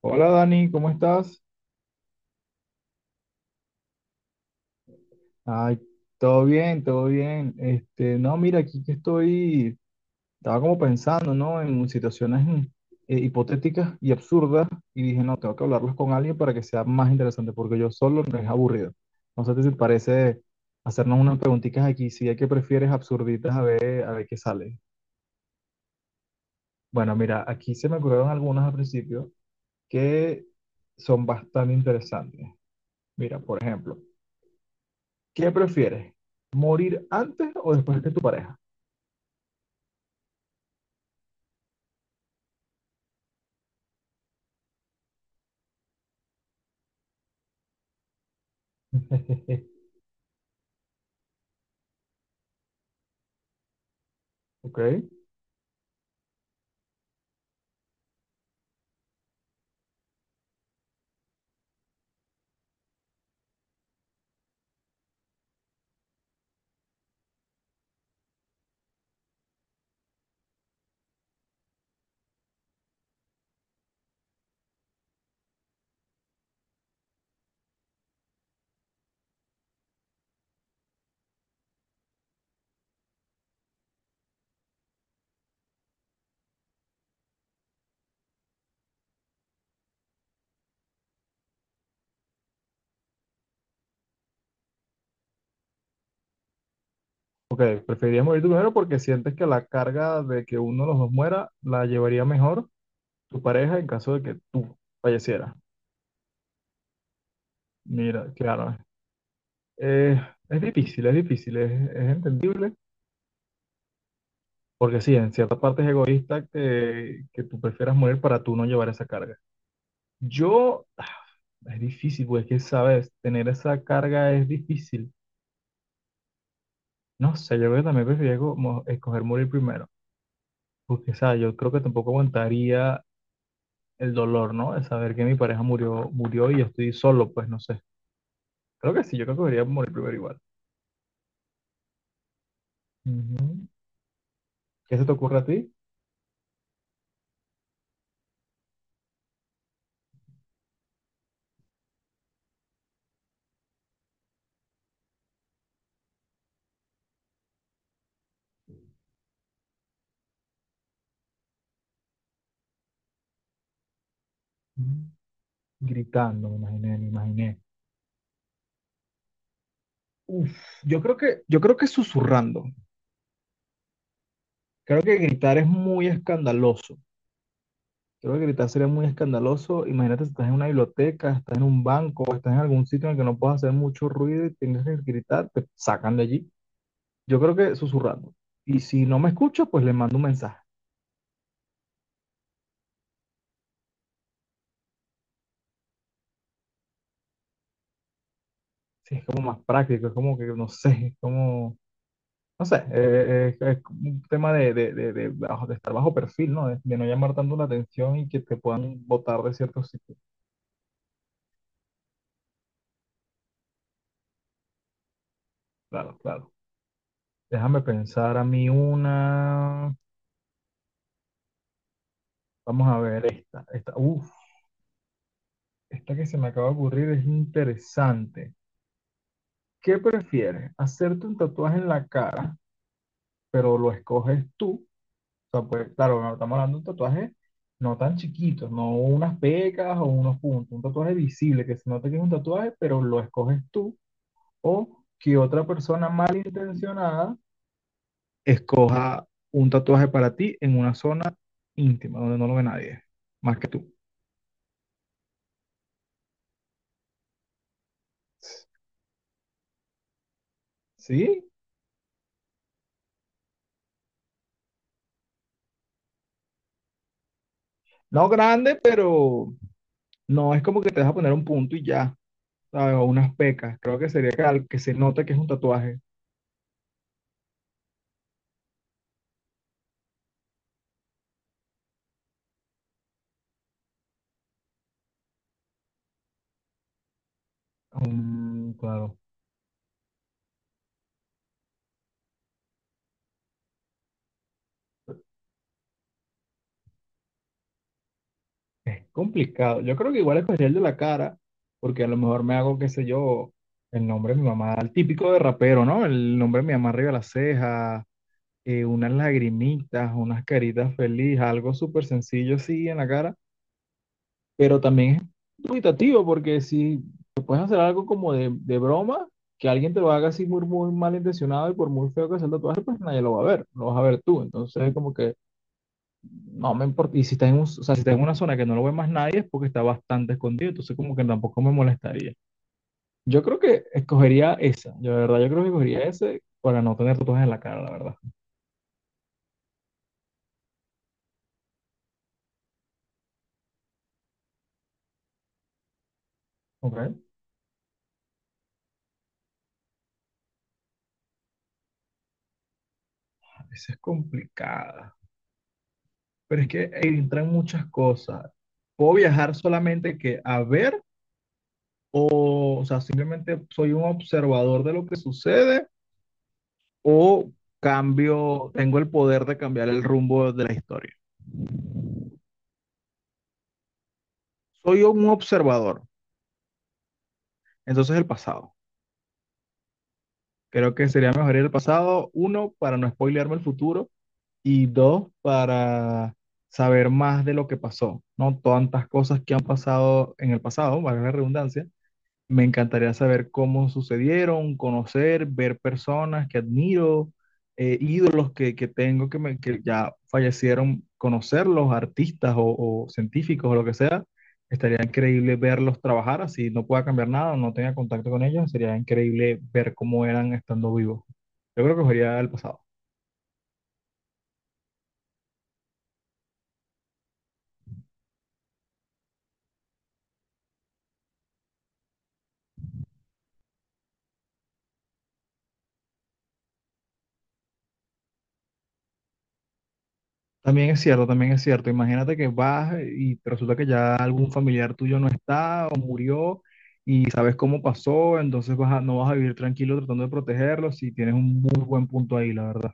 Hola Dani, ¿cómo estás? Ay, todo bien, todo bien. Este, no, mira, aquí que estoy, estaba como pensando, ¿no? En situaciones hipotéticas y absurdas y dije, no, tengo que hablarlos con alguien para que sea más interesante, porque yo solo no es aburrido. No sé si te parece hacernos unas preguntitas aquí, si hay que prefieres absurditas, a ver qué sale. Bueno, mira, aquí se me ocurrieron algunas al principio que son bastante interesantes. Mira, por ejemplo. ¿Qué prefieres? ¿Morir antes o después que tu pareja? Ok, ok, preferirías morir tú primero porque sientes que la carga de que uno de los dos muera la llevaría mejor tu pareja en caso de que tú fallecieras. Mira, claro, eh, es difícil, es difícil, es entendible, porque sí, en cierta parte es egoísta que tú prefieras morir para tú no llevar esa carga. Yo, ah, es difícil, pues es que, sabes, tener esa carga es difícil. No sé, yo creo que también preferiría como escoger morir primero, porque, o sea, yo creo que tampoco aguantaría el dolor, ¿no? De saber que mi pareja murió, murió y yo estoy solo, pues no sé. Creo que sí, yo creo que debería morir primero igual. Ujú. ¿Qué se te ocurre a ti? Mm, Gritando, me imaginé, me imaginé. Uf, yo creo que susurrando. Creo que gritar es muy escandaloso. Creo que gritar sería muy escandaloso. Imagínate si estás en una biblioteca, estás en un banco, estás en algún sitio en el que no puedes hacer mucho ruido y tienes que gritar, te sacan de allí. Yo creo que susurrando. Y si no me escucho, pues le mando un mensaje. Sí, es como más práctico, es como que no sé, es como, no sé, es un tema de estar bajo perfil, ¿no? De no llamar tanto la atención y que te puedan botar de ciertos sitios. Claro, claro. Déjame pensar a mí una. Vamos a ver esta. Esta que se me acaba de ocurrir es interesante. ¿Qué prefieres? ¿Hacerte un tatuaje en la cara, pero lo escoges tú? O sea, pues, claro, no estamos hablando de un tatuaje no tan chiquito, no unas pecas o unos puntos, un tatuaje visible que se nota que es un tatuaje, pero lo escoges tú o que otra persona malintencionada escoja un tatuaje para ti en una zona íntima donde no lo ve nadie, más que tú. Sí, no grande, pero no es como que te vas a poner un punto y ya, ¿sabes? O unas pecas. Creo que sería que, al- que se nota que es un tatuaje. Mm, claro. Es complicado. Yo creo que igual escogería el de la cara, porque a lo mejor me hago, qué sé yo, el nombre de mi mamá, el típico de rapero, ¿no? El nombre de mi mamá arriba de la ceja, unas lagrimitas, unas caritas felices, algo súper sencillo así en la cara, pero también es dubitativo, porque si te puedes hacer algo como de broma, que alguien te lo haga así muy, muy malintencionado y por muy feo que sea el tatuaje, pues nadie lo va a ver, lo vas a ver tú. Entonces, como que no me importa. Y si está en un- o sea, si está en una zona que no lo ve más nadie, es porque está bastante escondido. Entonces, como que tampoco me molestaría. Yo creo que escogería esa. Yo, de verdad, yo creo que escogería ese para no tener tatuajes en la cara, la verdad. Ok. A veces es complicada. Pero es que entran muchas cosas. ¿Puedo viajar solamente que a ver? O sea, simplemente soy un observador de lo que sucede. O cambio, tengo el poder de cambiar el rumbo de la historia. Soy un observador. Entonces el pasado. Creo que sería mejor ir al pasado, uno, para no spoilearme el futuro y dos, para saber más de lo que pasó, ¿no? Tantas cosas que han pasado en el pasado, valga la redundancia, me encantaría saber cómo sucedieron, conocer, ver personas que admiro, ídolos que tengo que ya fallecieron, conocerlos, artistas o científicos o lo que sea. Estaría increíble verlos trabajar, así no pueda cambiar nada, no tenga contacto con ellos, sería increíble ver cómo eran estando vivos. Yo creo que sería el pasado. También es cierto, también es cierto. Imagínate que vas y te resulta que ya algún familiar tuyo no está o murió y sabes cómo pasó, entonces vas a- no vas a vivir tranquilo tratando de protegerlos si tienes un muy buen punto ahí, la verdad.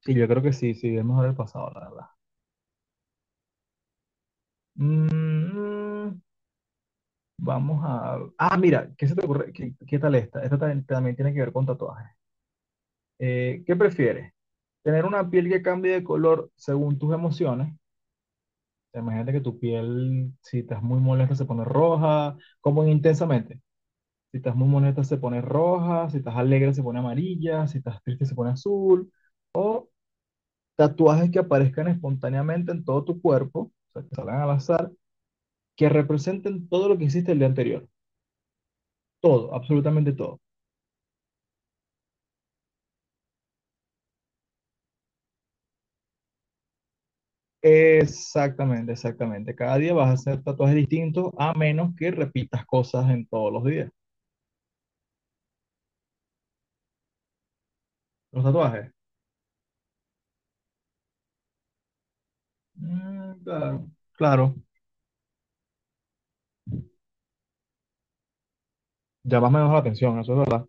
Sí, yo creo que sí, sí, es mejor el pasado, la verdad. Mm, Ah, mira, ¿qué se te ocurre? ¿Qué tal esta? Esta también, también tiene que ver con tatuajes. ¿Qué prefieres? ¿Tener una piel que cambie de color según tus emociones? Imagínate que tu piel, si estás muy molesta, se pone roja, como en intensamente. Si estás muy molesta, se pone roja, si estás alegre, se pone amarilla, si estás triste, se pone azul. O tatuajes que aparezcan espontáneamente en todo tu cuerpo, o sea, que salgan al azar, que representen todo lo que hiciste el día anterior. Todo, absolutamente todo. Exactamente, exactamente. Cada día vas a hacer tatuajes distintos, a menos que repitas cosas en todos los días. Los tatuajes. Mm, claro, claro. Llamas menos la atención, eso es verdad.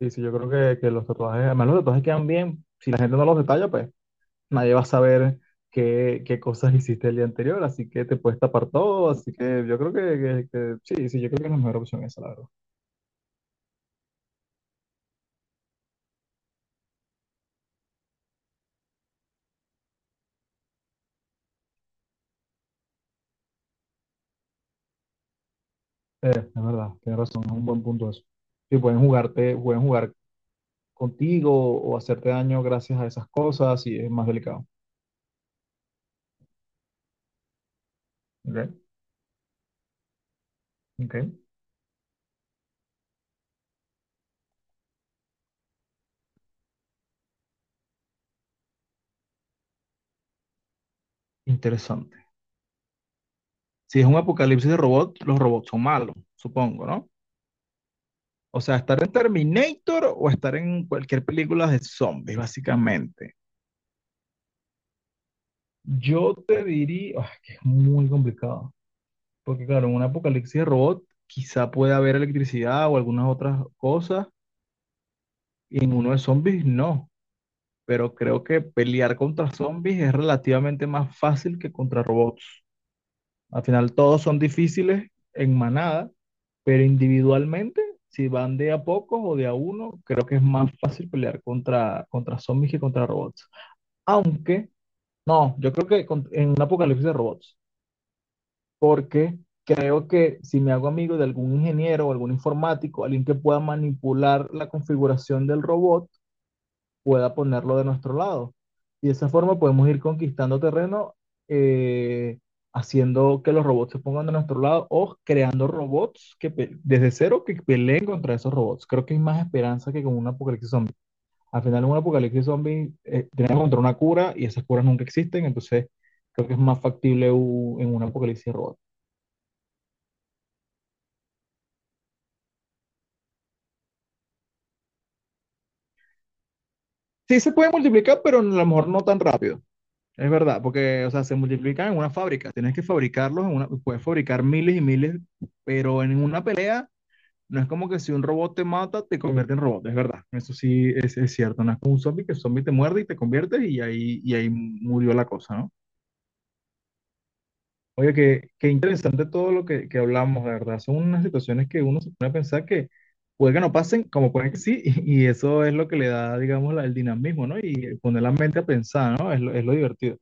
Sí, sí, yo creo que los tatuajes, además los tatuajes quedan bien. Si la gente no los detalla, pues nadie va a saber qué, qué cosas hiciste el día anterior, así que te puedes tapar todo, así que yo creo sí, sí, yo creo que es la mejor opción esa, la verdad. Es verdad, tienes razón, es un buen punto eso. Sí, pueden jugarte, pueden jugar contigo o hacerte daño gracias a esas cosas y es más delicado. Ok, ok. Interesante. Si es un apocalipsis de robot, los robots son malos, supongo, ¿no? O sea, estar en Terminator o estar en cualquier película de zombies, básicamente. Yo te diría, que es muy complicado, porque claro, en un apocalipsis de robot quizá puede haber electricidad o algunas otras cosas, y en uno de zombies no, pero creo que pelear contra zombies es relativamente más fácil que contra robots. Al final todos son difíciles en manada, pero individualmente, si van de a pocos o de a uno, creo que es más fácil pelear contra zombies que contra robots. Aunque, no, yo creo que en un apocalipsis de robots, porque creo que si me hago amigo de algún ingeniero o algún informático, alguien que pueda manipular la configuración del robot, pueda ponerlo de nuestro lado. Y de esa forma podemos ir conquistando terreno, eh, haciendo que los robots se pongan de nuestro lado o creando robots que desde cero que peleen contra esos robots. Creo que hay más esperanza que con un apocalipsis zombie. Al final, en un apocalipsis zombie, tenemos que encontrar una cura y esas curas nunca existen, entonces creo que es más factible en un apocalipsis robot. Sí, se puede multiplicar, pero a lo mejor no tan rápido. Es verdad, porque, o sea, se multiplican en una fábrica. Tienes que fabricarlos, en una, puedes fabricar miles y miles, pero en una pelea no es como que si un robot te mata, te convierte en robot. Es verdad, eso sí es cierto. No es como un zombie que el zombie te muerde y te conviertes y ahí murió la cosa, ¿no? Oye, qué interesante todo lo que hablamos, de verdad. Son unas situaciones que uno se pone a pensar que puede que no pasen, como pueden que sí, y eso es lo que le da, digamos, el dinamismo, ¿no? Y poner la mente a pensar, ¿no? Es lo divertido.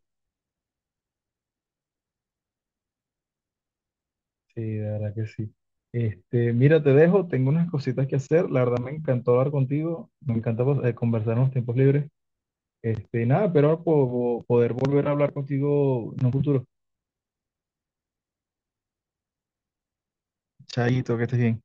Sí, de verdad que sí. Este, mira, te dejo, tengo unas cositas que hacer. La verdad me encantó hablar contigo, me encanta pues, conversar en los tiempos libres. Este, nada, pero poder volver a hablar contigo en un futuro. Chaito, que estés bien.